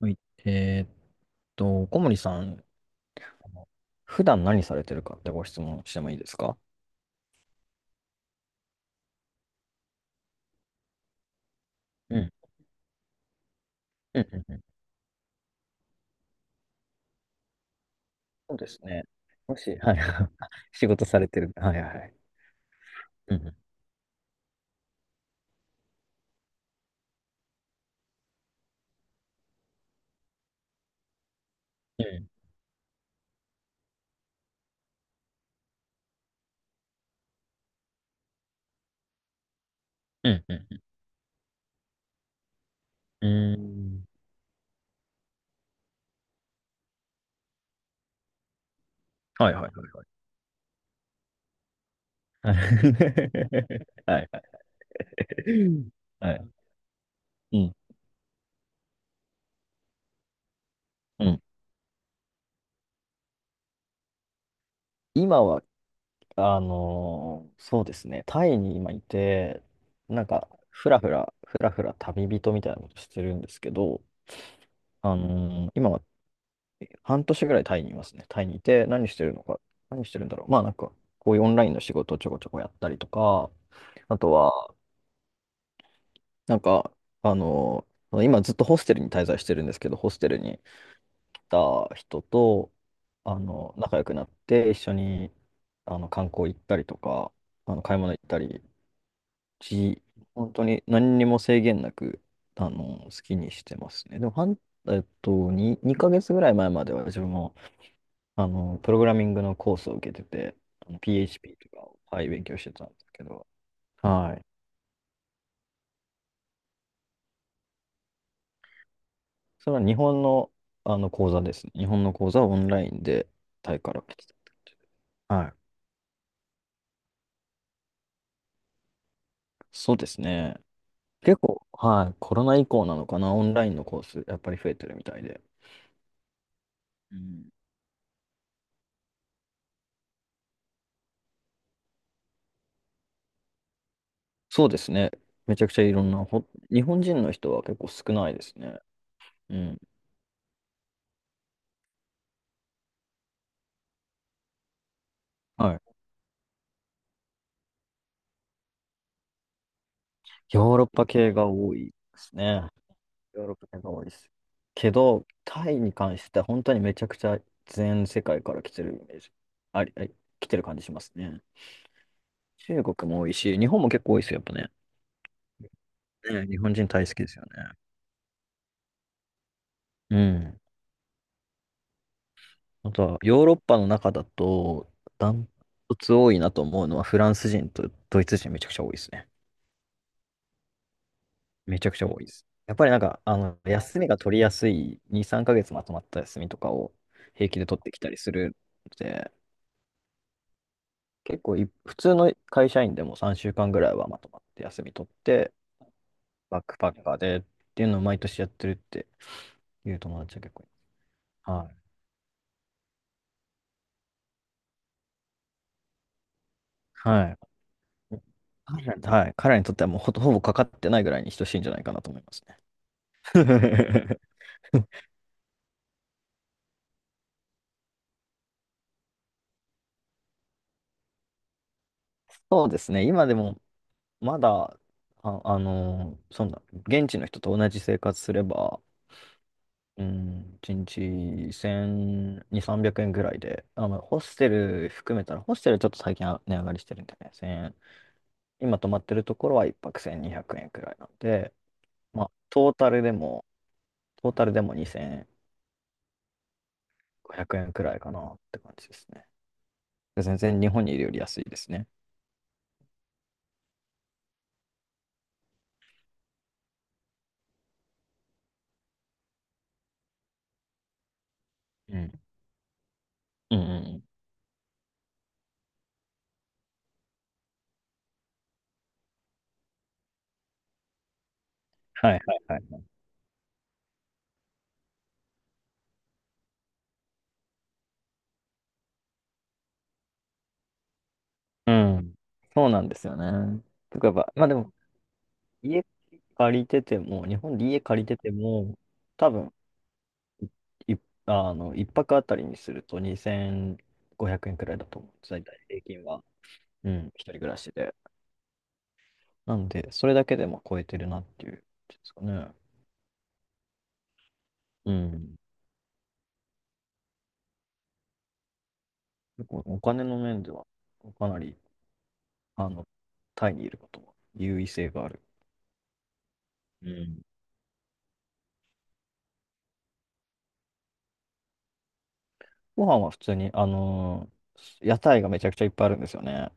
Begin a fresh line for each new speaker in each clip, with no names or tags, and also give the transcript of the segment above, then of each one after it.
はい。えーっ小森さん、あの普段何されてるかってご質問してもいいですか？うん。うんうんうん。そうですね。もし、はい。仕事されてる。はいはいはい。うんうんうんうんうん。うーん。はいはいはいはい。はいはい。はい。うん。うん。今は、そうですね。タイに今いて、なんか、ふらふら旅人みたいなことしてるんですけど、今半年ぐらいタイにいますね。タイにいて、何してるのか、何してるんだろう。まあなんか、こういうオンラインの仕事をちょこちょこやったりとか、あとは、なんか、あの、今ずっとホステルに滞在してるんですけど、ホステルに来た人と、仲良くなって、一緒に、観光行ったりとか、買い物行ったり、じ、本当に何にも制限なく、好きにしてますね。でも、半えっと、2ヶ月ぐらい前までは自分もプログラミングのコースを受けてて、PHP とかを、はい、勉強してたんですけど、はい。それは日本の、講座ですね。日本の講座はオンラインでタイから来てたって感じで。はい。そうですね。結構、はい、コロナ以降なのかな、オンラインのコース、やっぱり増えてるみたいで。うん、そうですね。めちゃくちゃいろんな、日本人の人は結構少ないですね。うん。はい。ヨーロッパ系が多いですね。ヨーロッパ圏が多いです。けど、タイに関しては本当にめちゃくちゃ全世界から来てるイメージ。あり、あり、来てる感じしますね。中国も多いし、日本も結構多いですよ、やっぱね。ね、日本人大好きですよね。うん。あとは、ヨーロッパの中だと、ダントツ多いなと思うのは、フランス人とドイツ人めちゃくちゃ多いですね。めちゃくちゃ多いです。やっぱりなんか、休みが取りやすい、2、3ヶ月まとまった休みとかを平気で取ってきたりするので、結構い、普通の会社員でも3週間ぐらいはまとまって休み取って、バックパッカーでっていうのを毎年やってるっていう友達は結構います。はい。はい。彼らにはい。彼らにとってはもうほぼかかってないぐらいに等しいんじゃないかなと思いますね。そうですね。今でも、まだ、あ、あのーそんな、現地の人と同じ生活すれば、うん、1日1200、300円ぐらいで、あ、まあ、ホステル含めたら、ホステルちょっと最近は値上がりしてるんでね、1000円。今泊まってるところは一泊1200円くえんくらいなんで、まあ、トータルでも2500円くえんくらいかなって感じですね。全然日本にいるより安いですね。うん。うんうんうん。はいはいはいはい。うん。そうなんですよね。とかば、まあでも、家借りてても、日本で家借りてても、多分、い、あの、一泊あたりにすると2500円くえんくらいだと思う。大体平均は。うん、一人暮らしで。なので、それだけでも超えてるなっていう、ですかね。うん。結構お金の面では、かなり、あの、タイにいることは優位性がある。うん。ご飯は普通に、屋台がめちゃくちゃいっぱいあるんですよね。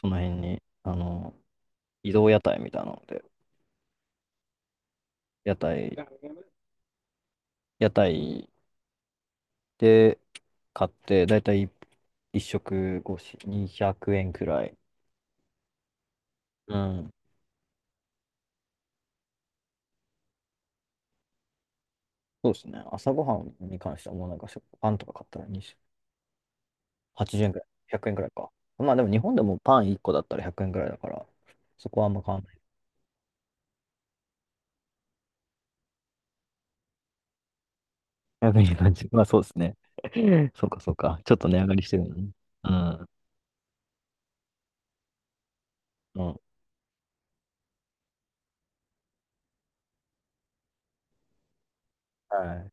その辺に、移動屋台みたいなので、屋台、屋台で買って、だいたい1食越し200円くえんくらい。うん。そうですね。朝ごはんに関してはもうなんかパンとか買ったらに80円くらい、100円くえんくらいか。まあでも日本でもパン1個だったら100円くえんくらいだから、そこはあんま変わんない。100円っ感じ。まあそうですね。そうかそうか。ちょっと値上がりしてるのね。うん。うん。は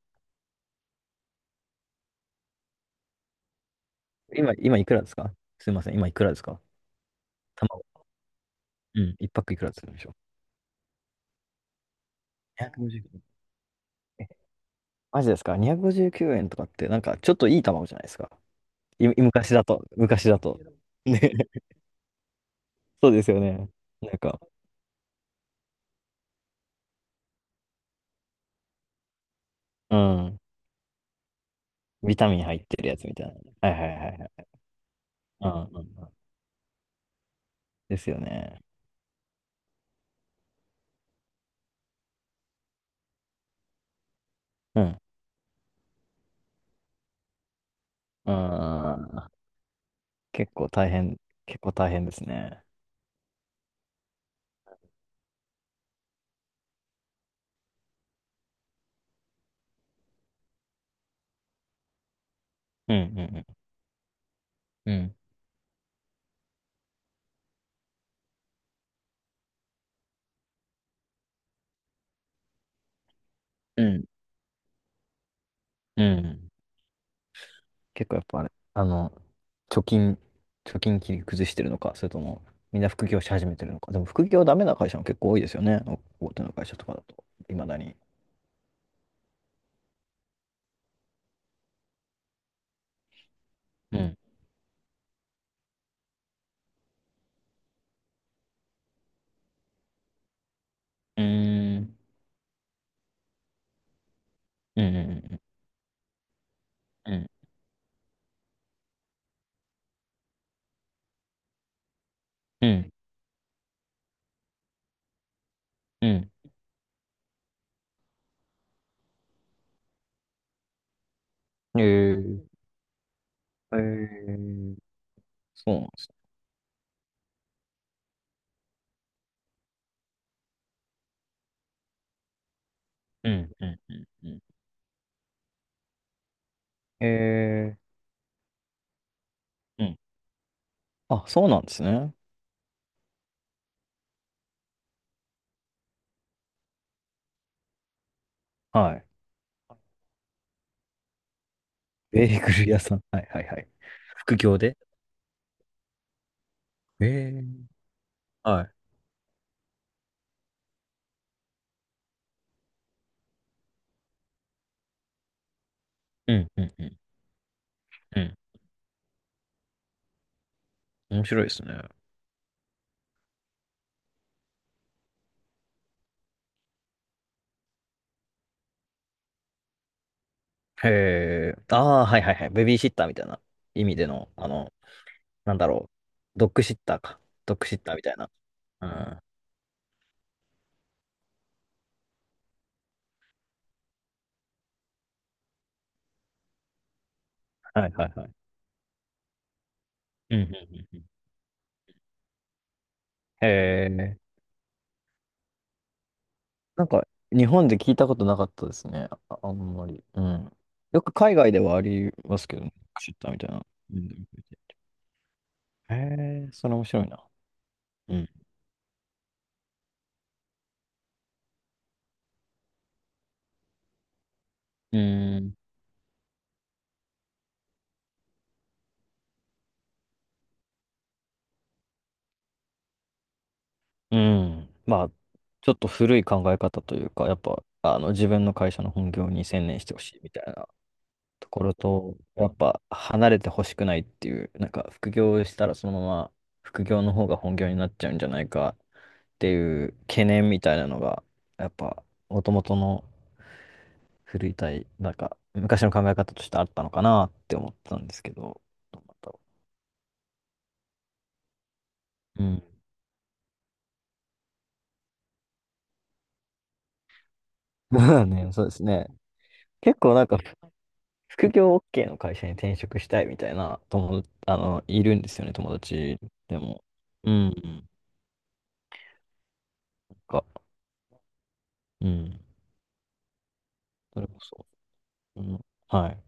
い。今いくらですか？すいません。今いくらですか？卵。うん。いくらするんでしょう。259円。え、マジですか？ 259 円とかって、なんかちょっといい卵じゃないですか。昔だと。昔だと。ね。そうですよね。なんか、うん。ビタミン入ってるやつみたいな。はいはいはいはい。うんうんうん。ですよね。うん。ああ、結構大変、結構大変ですね。うん、うん、うん。うん、うん。うん。結構やっぱあれ、貯金、貯金切り崩してるのか、それとも、みんな副業し始めてるのか。でも副業ダメな会社も結構多いですよね。大手の会社とかだと、いまだに。うん。うーん。うん、うん、うん、うん、うん。うん。えー、えー、そうなんですね。うん、うん、うん、うん。えー、うん。あ、そうなんですね。はい。ベーグル屋さん。はいはいはい。副業で。ええ、はい。うんうんうん。うん。面白いですね。へえ。ああ、はいはいはい。ベビーシッターみたいな意味での、なんだろう。ドッグシッターか。ドッグシッターみたいな。うん。はいはいはい。うんうんうんうん。へえ。なんか、日本で聞いたことなかったですね。あ、あんまり。うん。よく海外ではありますけどね。ドッグシッターみたいな。うん。へえ、それ面白いな。うん。うん。うん。まあ、ちょっと古い考え方というか、やっぱ、自分の会社の本業に専念してほしいみたいなところと、やっぱ、離れてほしくないっていう、なんか、副業したらそのまま、副業の方が本業になっちゃうんじゃないかっていう懸念みたいなのが、やっぱ、もともとの古い体、なんか、昔の考え方としてあったのかなって思ったんですけど、どうなんだろう。うん。まあね、そうですね。結構なんか副業 OK の会社に転職したいみたいな友達、いるんですよね、友達でも。うん。なんか、うん。それこそ。うん。はい。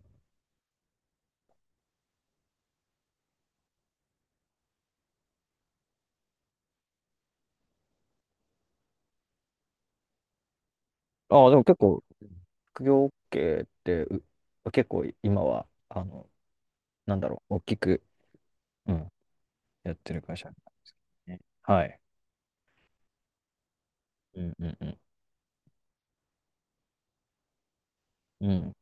ああ、でも結構、副業 OK って、結構今は、なんだろう、大きく、うん、やってる会社なんですね。はい。うんうんうんうん。